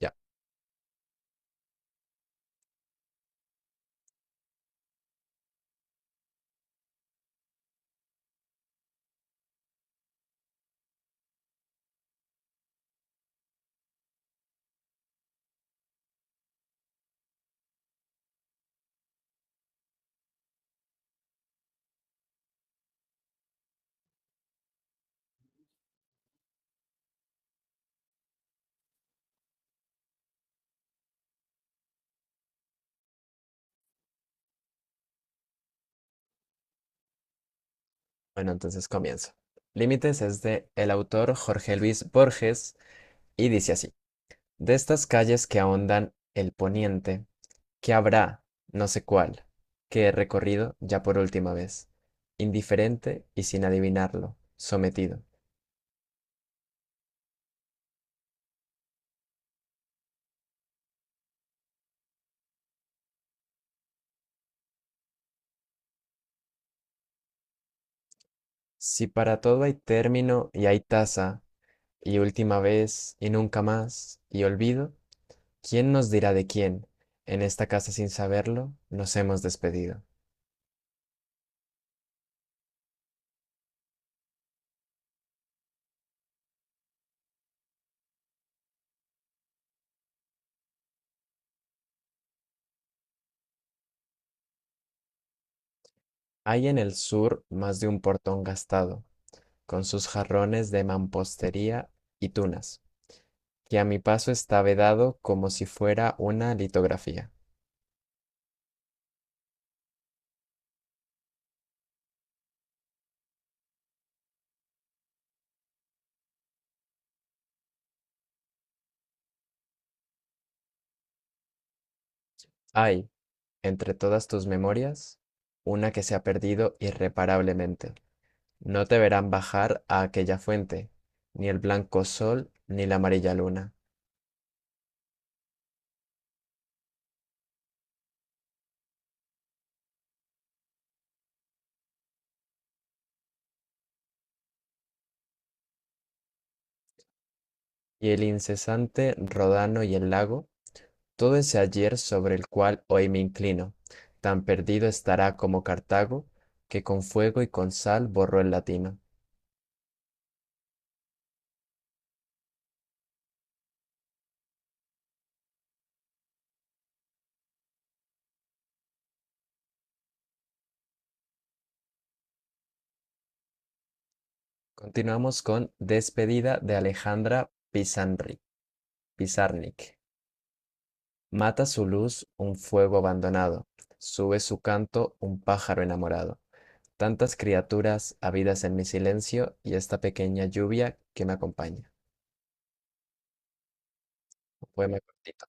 Ya, bueno, entonces comienzo. Límites es de el autor Jorge Luis Borges y dice así: De estas calles que ahondan el poniente, que habrá, no sé cuál, que he recorrido ya por última vez, indiferente y sin adivinarlo, sometido. Si para todo hay término y hay tasa, y última vez y nunca más, y olvido, ¿quién nos dirá de quién? En esta casa sin saberlo, nos hemos despedido. Hay en el sur más de un portón gastado, con sus jarrones de mampostería y tunas, que a mi paso está vedado como si fuera una litografía. Hay, entre todas tus memorias, una que se ha perdido irreparablemente. No te verán bajar a aquella fuente, ni el blanco sol, ni la amarilla luna, y el incesante rodano y el lago. Todo ese ayer sobre el cual hoy me inclino, tan perdido estará como Cartago, que con fuego y con sal borró el latino. Continuamos con Despedida de Alejandra Pizarnik. Mata su luz un fuego abandonado, sube su canto un pájaro enamorado. Tantas criaturas habidas en mi silencio y esta pequeña lluvia que me acompaña. Un poema cortito.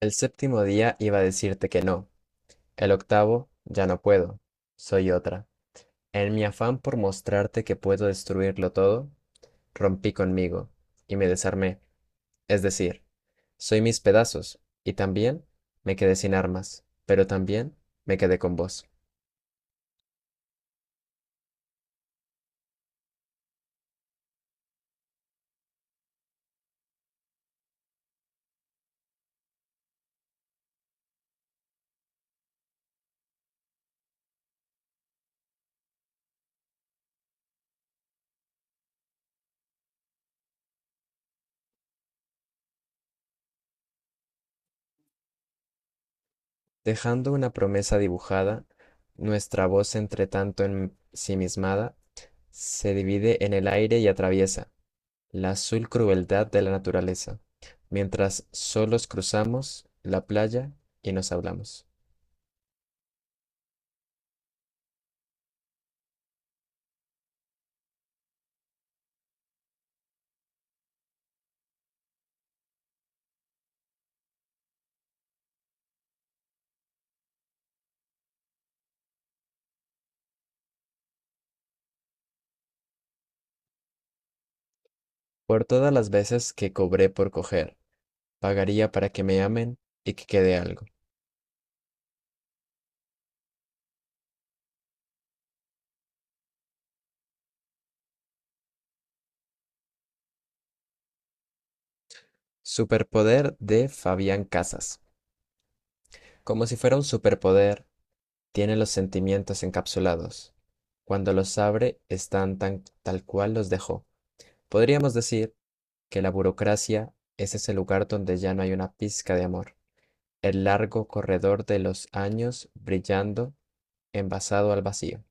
El séptimo día iba a decirte que no, el octavo ya no puedo, soy otra. En mi afán por mostrarte que puedo destruirlo todo, rompí conmigo y me desarmé, es decir, soy mis pedazos, y también me quedé sin armas, pero también me quedé con vos. Dejando una promesa dibujada, nuestra voz entre tanto ensimismada se divide en el aire y atraviesa la azul crueldad de la naturaleza, mientras solos cruzamos la playa y nos hablamos. Por todas las veces que cobré por coger, pagaría para que me amen y que quede algo. Superpoder de Fabián Casas. Como si fuera un superpoder, tiene los sentimientos encapsulados. Cuando los abre, están tan tal cual los dejó. Podríamos decir que la burocracia es ese lugar donde ya no hay una pizca de amor. El largo corredor de los años brillando, envasado al vacío.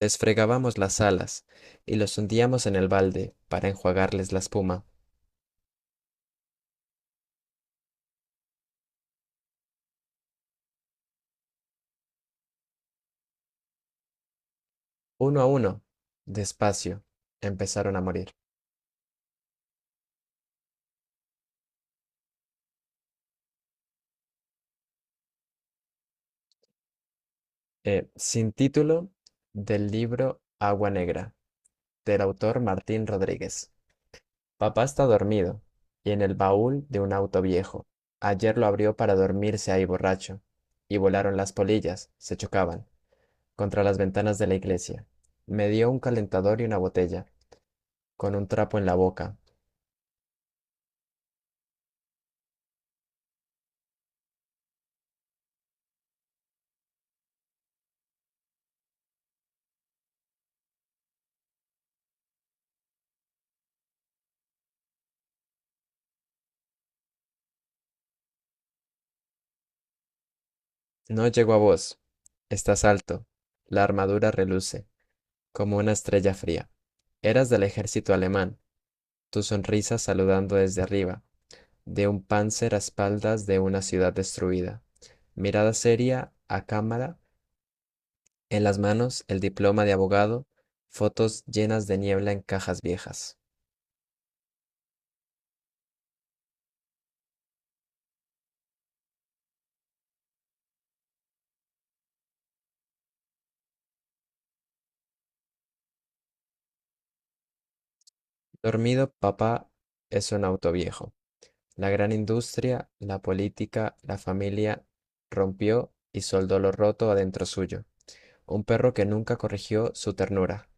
Desfregábamos las alas y los hundíamos en el balde para enjuagarles la espuma. Uno a uno, despacio, empezaron a morir. Sin título del libro Agua Negra, del autor Martín Rodríguez. Papá está dormido y en el baúl de un auto viejo. Ayer lo abrió para dormirse ahí borracho. Y volaron las polillas, se chocaban, contra las ventanas de la iglesia. Me dio un calentador y una botella, con un trapo en la boca. No llegó a vos. Estás alto. La armadura reluce, como una estrella fría. Eras del ejército alemán, tu sonrisa saludando desde arriba, de un panzer a espaldas de una ciudad destruida. Mirada seria, a cámara, en las manos el diploma de abogado, fotos llenas de niebla en cajas viejas. Dormido, papá es un auto viejo. La gran industria, la política, la familia rompió y soldó lo roto adentro suyo. Un perro que nunca corrigió su ternura.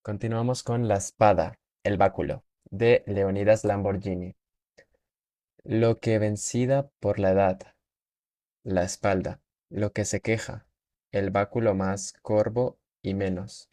Continuamos con La espada, el báculo, de Leonidas Lamborghini. Lo que vencida por la edad, la espalda, lo que se queja, el báculo más corvo y menos,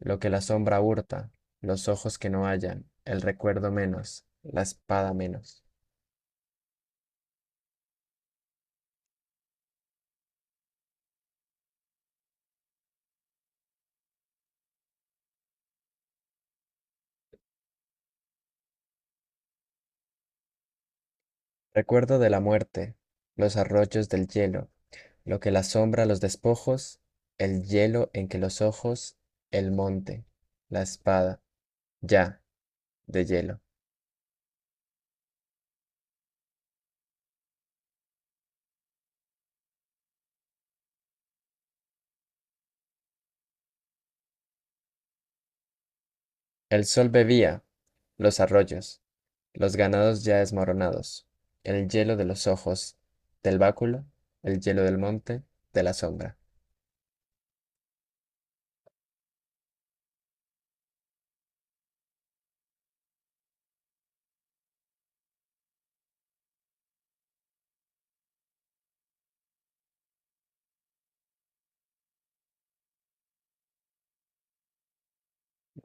lo que la sombra hurta, los ojos que no hallan, el recuerdo menos, la espada menos. Recuerdo de la muerte, los arroyos del hielo, lo que la sombra los despojos, el hielo en que los ojos, el monte, la espada, ya, de hielo. El sol bebía los arroyos, los ganados ya desmoronados, el hielo de los ojos, del báculo, el hielo del monte, de la sombra.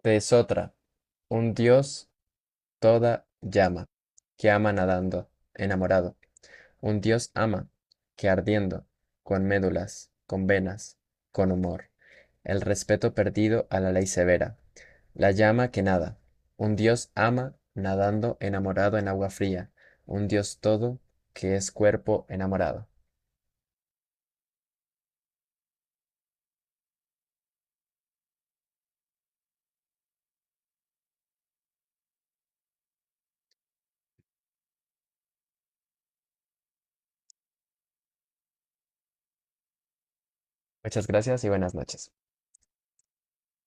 De Sotra, un dios toda llama, que ama nadando, enamorado. Un dios ama, que ardiendo, con médulas, con venas, con humor, el respeto perdido a la ley severa, la llama que nada, un dios ama, nadando enamorado en agua fría, un dios todo, que es cuerpo enamorado. Muchas gracias y buenas noches.